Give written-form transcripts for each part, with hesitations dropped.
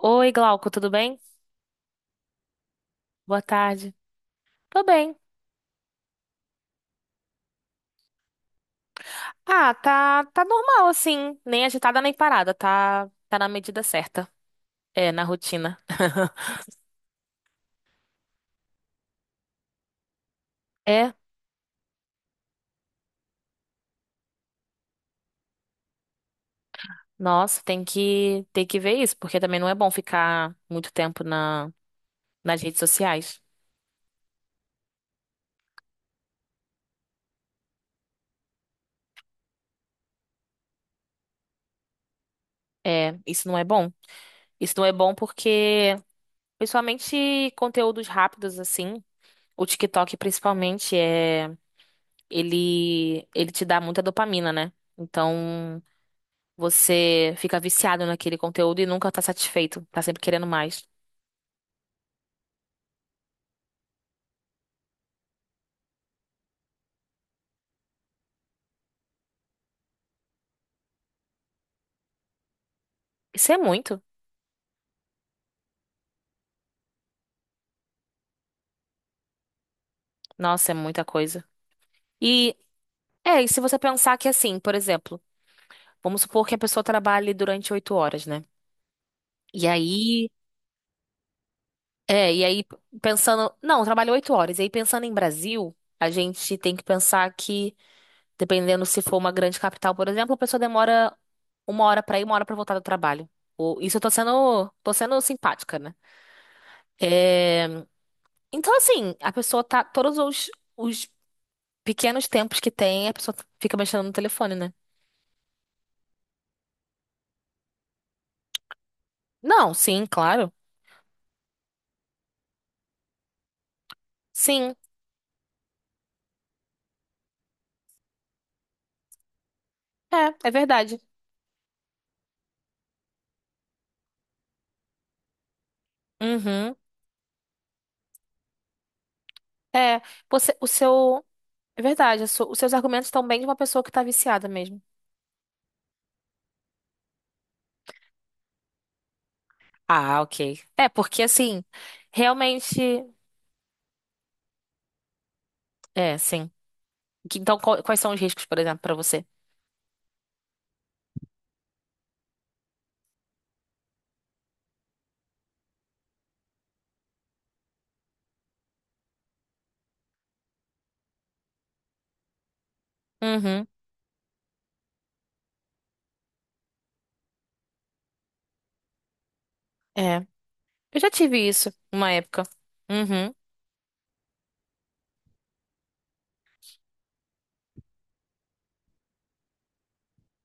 Oi, Glauco, tudo bem? Boa tarde. Tô bem. Ah, tá, tá normal assim, nem agitada nem parada, tá, tá na medida certa. É, na rotina. É, nossa, tem que ver isso, porque também não é bom ficar muito tempo na nas redes sociais. É, isso não é bom. Isso não é bom porque principalmente conteúdos rápidos assim, o TikTok principalmente é ele te dá muita dopamina, né? Então você fica viciado naquele conteúdo e nunca tá satisfeito, tá sempre querendo mais. Isso é muito. Nossa, é muita coisa. E e se você pensar que assim, por exemplo, vamos supor que a pessoa trabalhe durante 8 horas, né? E aí, e aí, pensando, não, eu trabalho 8 horas. E aí pensando em Brasil, a gente tem que pensar que, dependendo se for uma grande capital, por exemplo, a pessoa demora 1 hora pra ir, 1 hora pra voltar do trabalho. Isso eu tô sendo simpática, né? É, então, assim, a pessoa tá. Todos os, os pequenos tempos que tem, a pessoa fica mexendo no telefone, né? Não, sim, claro. Sim, é, é verdade. Uhum. É, você, o seu. É verdade, os seus argumentos estão bem de uma pessoa que tá viciada mesmo. Ah, ok. É, porque assim, realmente. É, sim. Então, quais são os riscos, por exemplo, pra você? Uhum. É. Eu já tive isso uma época. Uhum.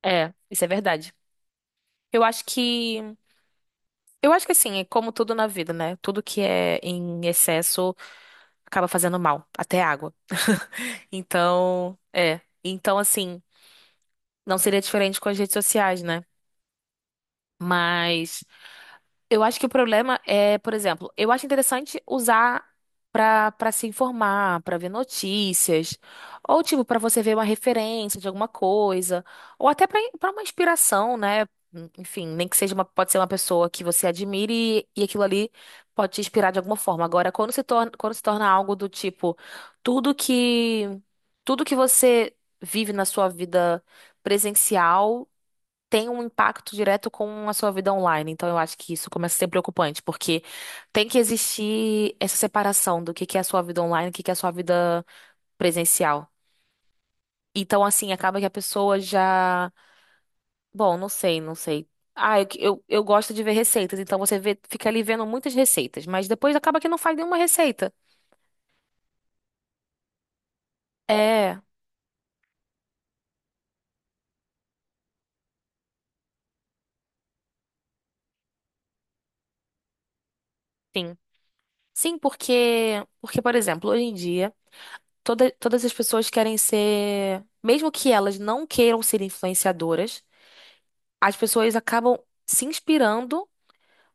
É, isso é verdade. Eu acho que. Eu acho que assim, é como tudo na vida, né? Tudo que é em excesso acaba fazendo mal, até água. Então, é. Então, assim, não seria diferente com as redes sociais, né? Mas eu acho que o problema é, por exemplo, eu acho interessante usar para se informar, para ver notícias, ou tipo para você ver uma referência de alguma coisa, ou até para uma inspiração, né? Enfim, nem que seja uma, pode ser uma pessoa que você admire e aquilo ali pode te inspirar de alguma forma. Agora, quando se torna algo do tipo, tudo que tudo que você vive na sua vida presencial tem um impacto direto com a sua vida online. Então, eu acho que isso começa a ser preocupante, porque tem que existir essa separação do que é a sua vida online e o que que é a sua vida presencial. Então, assim, acaba que a pessoa já. Bom, não sei, não sei. Ah, eu gosto de ver receitas, então você vê, fica ali vendo muitas receitas, mas depois acaba que não faz nenhuma receita. É, sim. Sim, por exemplo, hoje em dia, todas as pessoas querem ser, mesmo que elas não queiram ser influenciadoras, as pessoas acabam se inspirando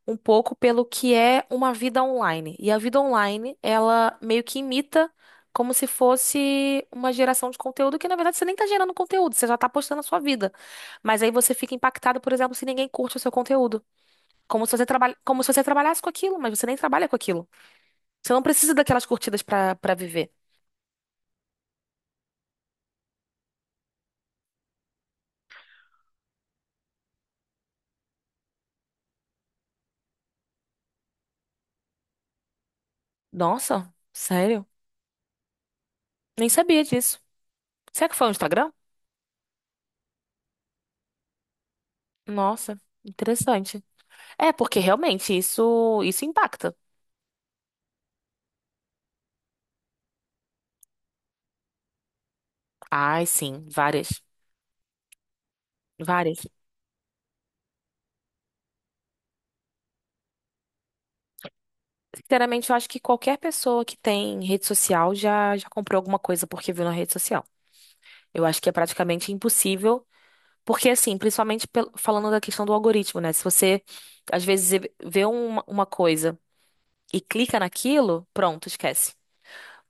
um pouco pelo que é uma vida online. E a vida online, ela meio que imita como se fosse uma geração de conteúdo que, na verdade, você nem tá gerando conteúdo, você já tá postando a sua vida. Mas aí você fica impactado, por exemplo, se ninguém curte o seu conteúdo. Como se você trabalhasse com aquilo, mas você nem trabalha com aquilo. Você não precisa daquelas curtidas pra viver. Nossa, sério? Nem sabia disso. Será que foi o Instagram? Nossa, interessante. É, porque realmente isso impacta. Ai, sim, várias. Sinceramente, eu acho que qualquer pessoa que tem rede social já comprou alguma coisa porque viu na rede social. Eu acho que é praticamente impossível, porque assim, principalmente falando da questão do algoritmo, né? Se você às vezes vê uma coisa e clica naquilo, pronto, esquece.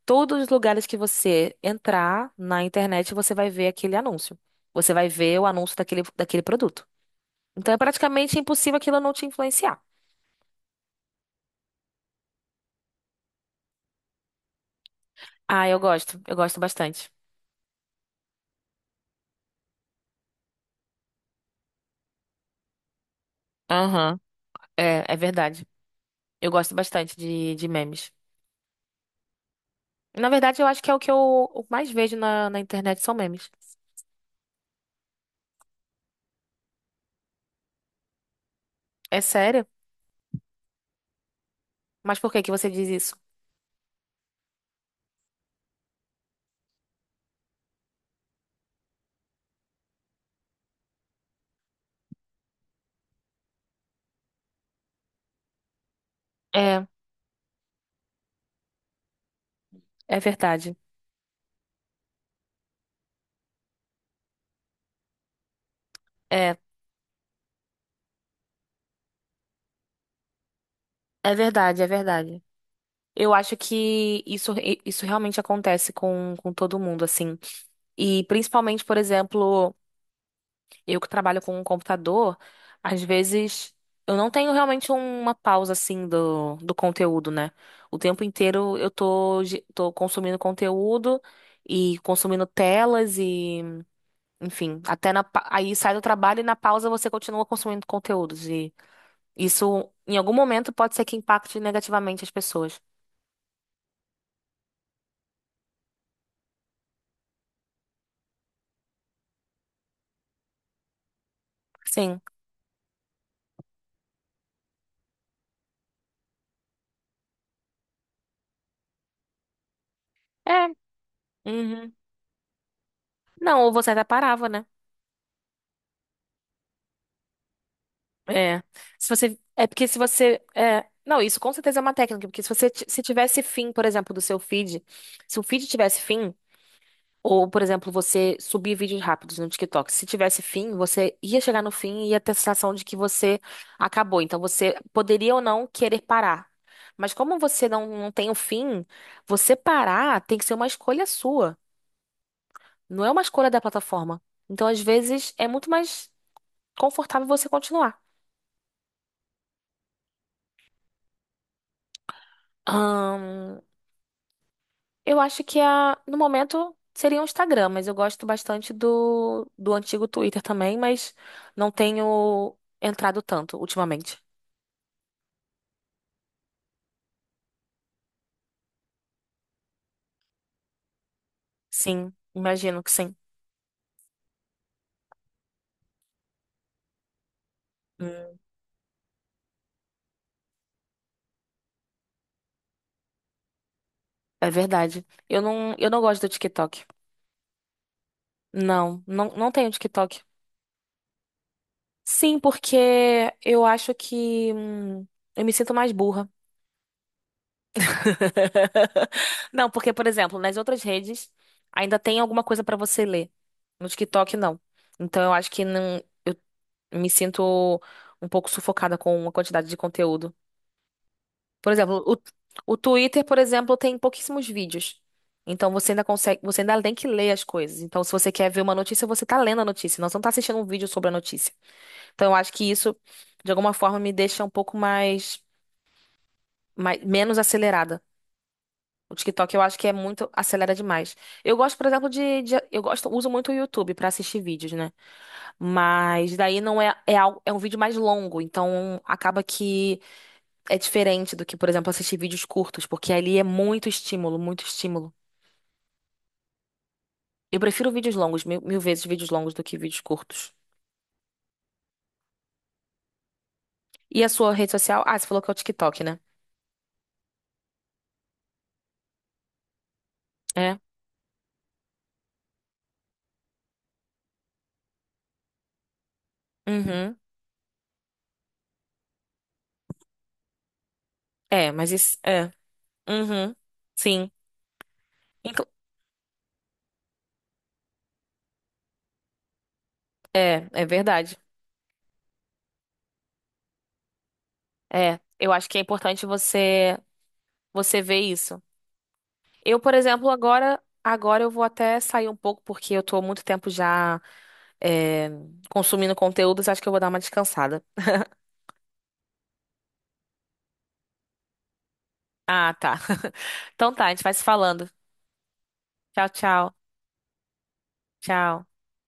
Todos os lugares que você entrar na internet, você vai ver aquele anúncio. Você vai ver o anúncio daquele produto. Então é praticamente impossível aquilo não te influenciar. Ah, eu gosto. Eu gosto bastante. Aham. É, é verdade. Eu gosto bastante de memes. Na verdade, eu acho que é o que eu o mais vejo na internet são memes. É sério? Mas por que que você diz isso? É, é verdade. É, é verdade. Eu acho que isso realmente acontece com todo mundo, assim. E principalmente, por exemplo. Eu que trabalho com um computador, às vezes eu não tenho realmente uma pausa assim do conteúdo, né? O tempo inteiro eu tô consumindo conteúdo e consumindo telas e, enfim, aí sai do trabalho e na pausa você continua consumindo conteúdos. E isso, em algum momento, pode ser que impacte negativamente as pessoas. Sim. É. Uhum. Não, ou você até parava, né? É. Se você, é porque se você, é, não, isso com certeza é uma técnica, porque se você, ti- se tivesse fim, por exemplo, do seu feed, se o feed tivesse fim, ou, por exemplo, você subir vídeos rápidos no TikTok, se tivesse fim, você ia chegar no fim e ia ter a sensação de que você acabou. Então, você poderia ou não querer parar. Mas como você não, não tem o fim, você parar tem que ser uma escolha sua, não é uma escolha da plataforma. Então, às vezes, é muito mais confortável você continuar. Eu acho que a, no momento seria o Instagram, mas eu gosto bastante do antigo Twitter também, mas não tenho entrado tanto ultimamente. Sim, imagino que sim. Hum. É verdade. Eu não gosto do TikTok. Não, não tenho TikTok. Sim, porque eu acho que eu me sinto mais burra. Não, porque, por exemplo, nas outras redes ainda tem alguma coisa pra você ler. No TikTok, não. Então eu acho que não me sinto um pouco sufocada com uma quantidade de conteúdo. Por exemplo, o Twitter, por exemplo, tem pouquíssimos vídeos. Então você ainda consegue, você ainda tem que ler as coisas. Então, se você quer ver uma notícia, você tá lendo a notícia, não, você não tá assistindo um vídeo sobre a notícia. Então, eu acho que isso, de alguma forma, me deixa um pouco mais, mais menos acelerada. O TikTok eu acho que é muito acelera demais. Eu gosto, por exemplo, eu gosto, uso muito o YouTube pra assistir vídeos, né? Mas daí não é é, algo, é um vídeo mais longo, então acaba que é diferente do que, por exemplo, assistir vídeos curtos, porque ali é muito estímulo, muito estímulo. Eu prefiro vídeos longos, mil vezes vídeos longos do que vídeos curtos. E a sua rede social? Ah, você falou que é o TikTok, né? É. Uhum. É, mas isso. É. Uhum. Sim. Inclu- É, é verdade. É. Eu acho que é importante você ver isso. Eu, por exemplo, agora. Agora eu vou até sair um pouco, porque eu tô há muito tempo já é, consumindo conteúdos, acho que eu vou dar uma descansada. Ah, tá. Então tá, a gente vai se falando. Tchau, tchau. Tchau.